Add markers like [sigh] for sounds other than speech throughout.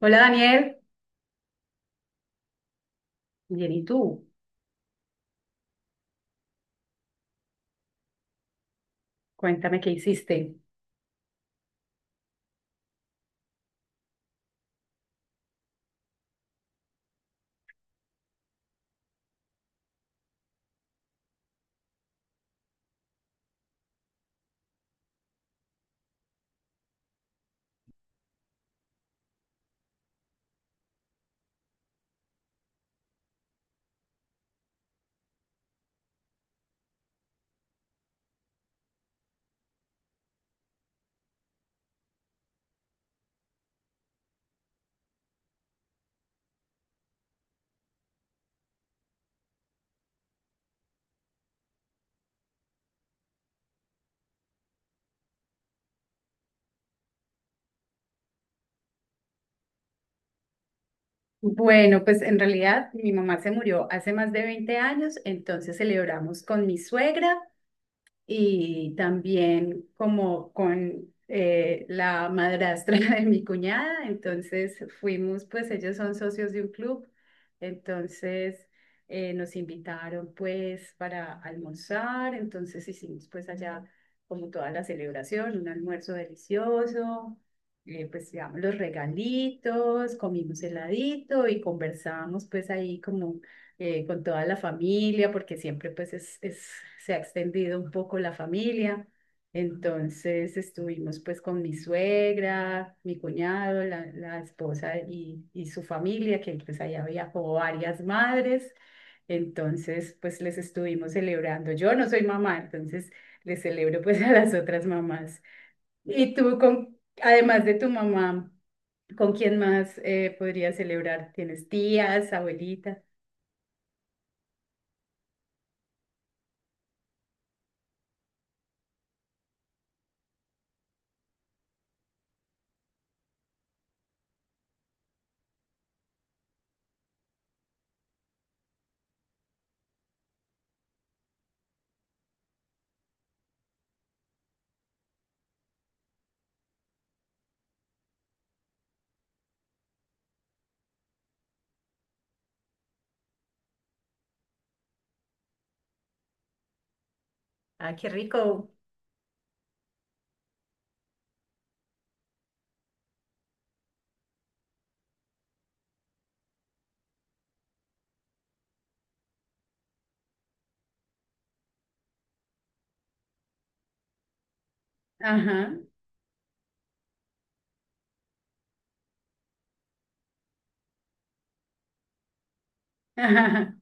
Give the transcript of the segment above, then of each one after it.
Hola, Daniel. Bien, ¿y tú? Cuéntame qué hiciste. Bueno, pues en realidad mi mamá se murió hace más de 20 años, entonces celebramos con mi suegra y también como con la madrastra [laughs] de mi cuñada. Entonces fuimos, pues ellos son socios de un club, entonces nos invitaron pues para almorzar. Entonces hicimos pues allá como toda la celebración, un almuerzo delicioso. Pues llevamos los regalitos, comimos heladito y conversábamos pues ahí como con toda la familia, porque siempre pues se ha extendido un poco la familia. Entonces estuvimos pues con mi suegra, mi cuñado, la esposa y su familia, que pues allá viajó varias madres. Entonces pues les estuvimos celebrando. Yo no soy mamá, entonces les celebro pues [laughs] a las otras mamás. ¿Y tú con, además de tu mamá, con quién más podrías celebrar? ¿Tienes tías, abuelita? Ah, qué rico. Ajá, ajá.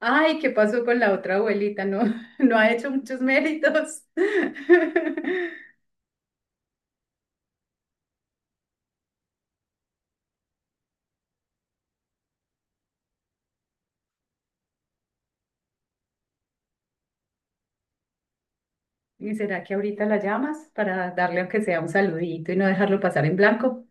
Ay, ¿qué pasó con la otra abuelita? No, [laughs] no ha hecho muchos méritos. [laughs] ¿Y será que ahorita la llamas para darle aunque sea un saludito y no dejarlo pasar en blanco?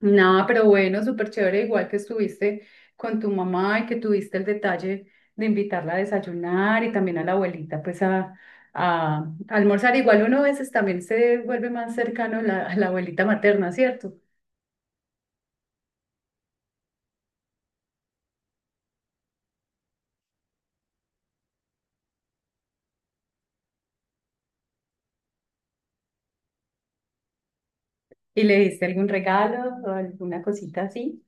No, pero bueno, súper chévere, igual que estuviste con tu mamá y que tuviste el detalle de invitarla a desayunar y también a la abuelita pues a almorzar. Igual uno a veces también se vuelve más cercano a a la abuelita materna, ¿cierto? ¿Y le diste algún regalo o alguna cosita así?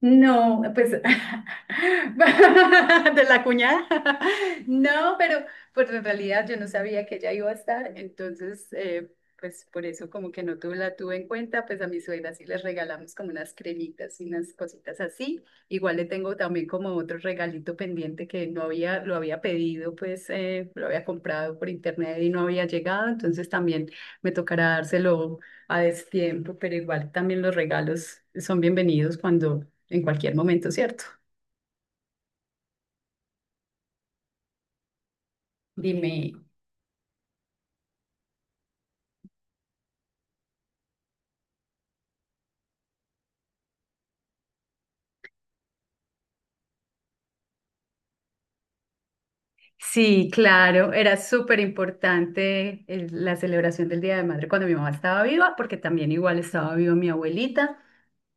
No, pues [laughs] de la cuñada. [laughs] No, pero pues en realidad yo no sabía que ella iba a estar, entonces pues por eso como que no tuve, la tuve en cuenta. Pues a mi suegra sí les regalamos como unas cremitas y unas cositas así. Igual le tengo también como otro regalito pendiente que no había, lo había pedido, pues lo había comprado por internet y no había llegado, entonces también me tocará dárselo a destiempo, pero igual también los regalos son bienvenidos cuando, en cualquier momento, ¿cierto? Dime. Sí, claro, era súper importante la celebración del Día de Madre cuando mi mamá estaba viva, porque también igual estaba viva mi abuelita.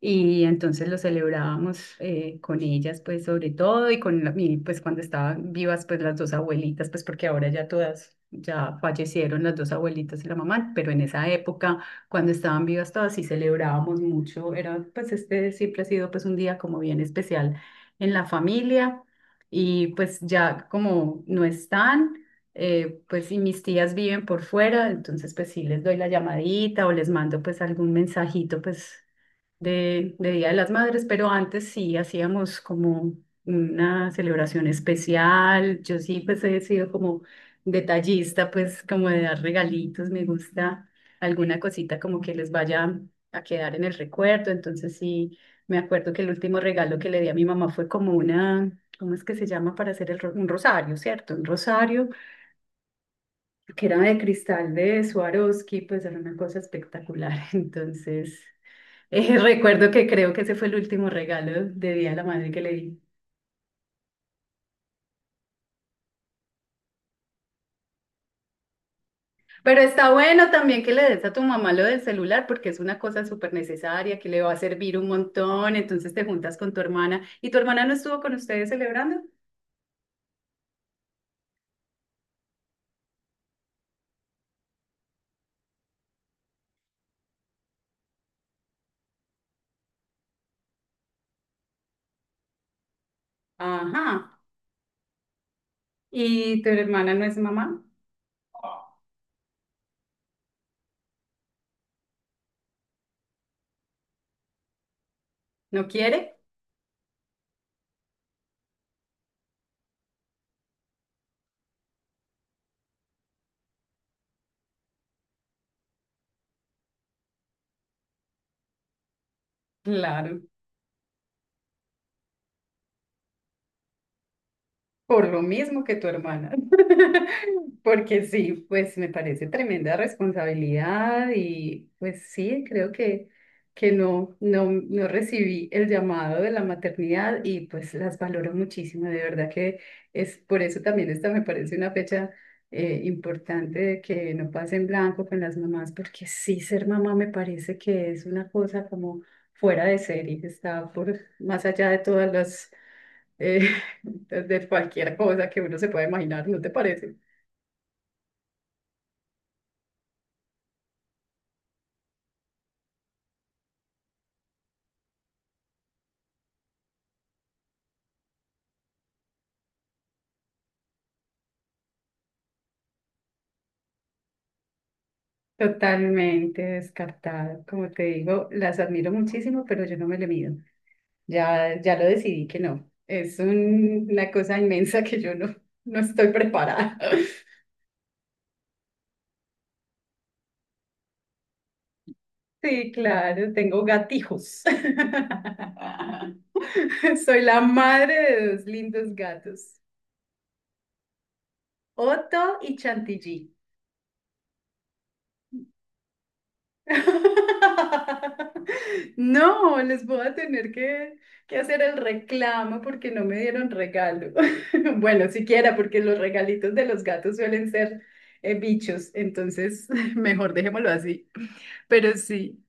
Y entonces lo celebrábamos con ellas, pues sobre todo, y con pues cuando estaban vivas, pues las dos abuelitas, pues porque ahora ya todas, ya fallecieron las dos abuelitas y la mamá. Pero en esa época, cuando estaban vivas todas, sí celebrábamos mucho. Era pues, este, siempre ha sido pues un día como bien especial en la familia, y pues ya como no están. Pues y mis tías viven por fuera, entonces pues sí les doy la llamadita o les mando pues algún mensajito pues de Día de las Madres, pero antes sí hacíamos como una celebración especial. Yo sí, pues he sido como detallista, pues como de dar regalitos. Me gusta alguna cosita como que les vaya a quedar en el recuerdo. Entonces sí, me acuerdo que el último regalo que le di a mi mamá fue como una... ¿Cómo es que se llama para hacer el un rosario, cierto? Un rosario que era de cristal de Swarovski, pues era una cosa espectacular. [laughs] Entonces, [laughs] recuerdo que creo que ese fue el último regalo de Día de la Madre que le di. Pero está bueno también que le des a tu mamá lo del celular porque es una cosa súper necesaria que le va a servir un montón. Entonces te juntas con tu hermana. ¿Y tu hermana no estuvo con ustedes celebrando? Ajá. ¿Y tu hermana no es mamá? ¿No quiere? Claro. Por lo mismo que tu hermana. [laughs] Porque sí, pues me parece tremenda responsabilidad y pues sí, creo que, no recibí el llamado de la maternidad y pues las valoro muchísimo. De verdad que es por eso también, esta me parece una fecha importante, de que no pase en blanco con las mamás, porque sí, ser mamá me parece que es una cosa como fuera de serie, está por más allá de todas las eh, [laughs] de cualquier cosa que uno se pueda imaginar, ¿no te parece? Totalmente descartado. Como te digo, las admiro muchísimo, pero yo no me le mido. Ya, ya lo decidí que no. Es una cosa inmensa que yo no, no estoy preparada. [laughs] Sí, claro, tengo gatijos. [laughs] Soy la madre de 2 lindos gatos, Otto y Chantilly. [laughs] No, les voy a tener que hacer el reclamo porque no me dieron regalo. [laughs] Bueno, siquiera porque los regalitos de los gatos suelen ser bichos, entonces [laughs] mejor dejémoslo así. Pero sí.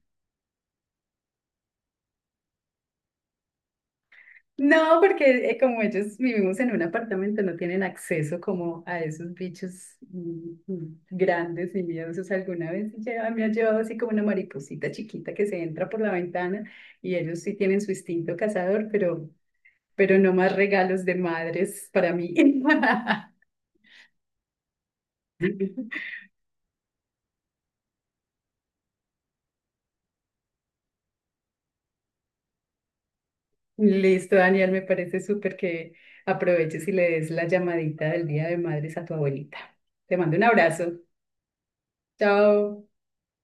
No, porque como ellos vivimos en un apartamento, no tienen acceso como a esos bichos grandes y miedosos. Alguna vez me ha llevado así como una mariposita chiquita que se entra por la ventana y ellos sí tienen su instinto cazador, pero no más regalos de madres para mí. [laughs] Listo, Daniel, me parece súper que aproveches y le des la llamadita del Día de Madres a tu abuelita. Te mando un abrazo. Chao.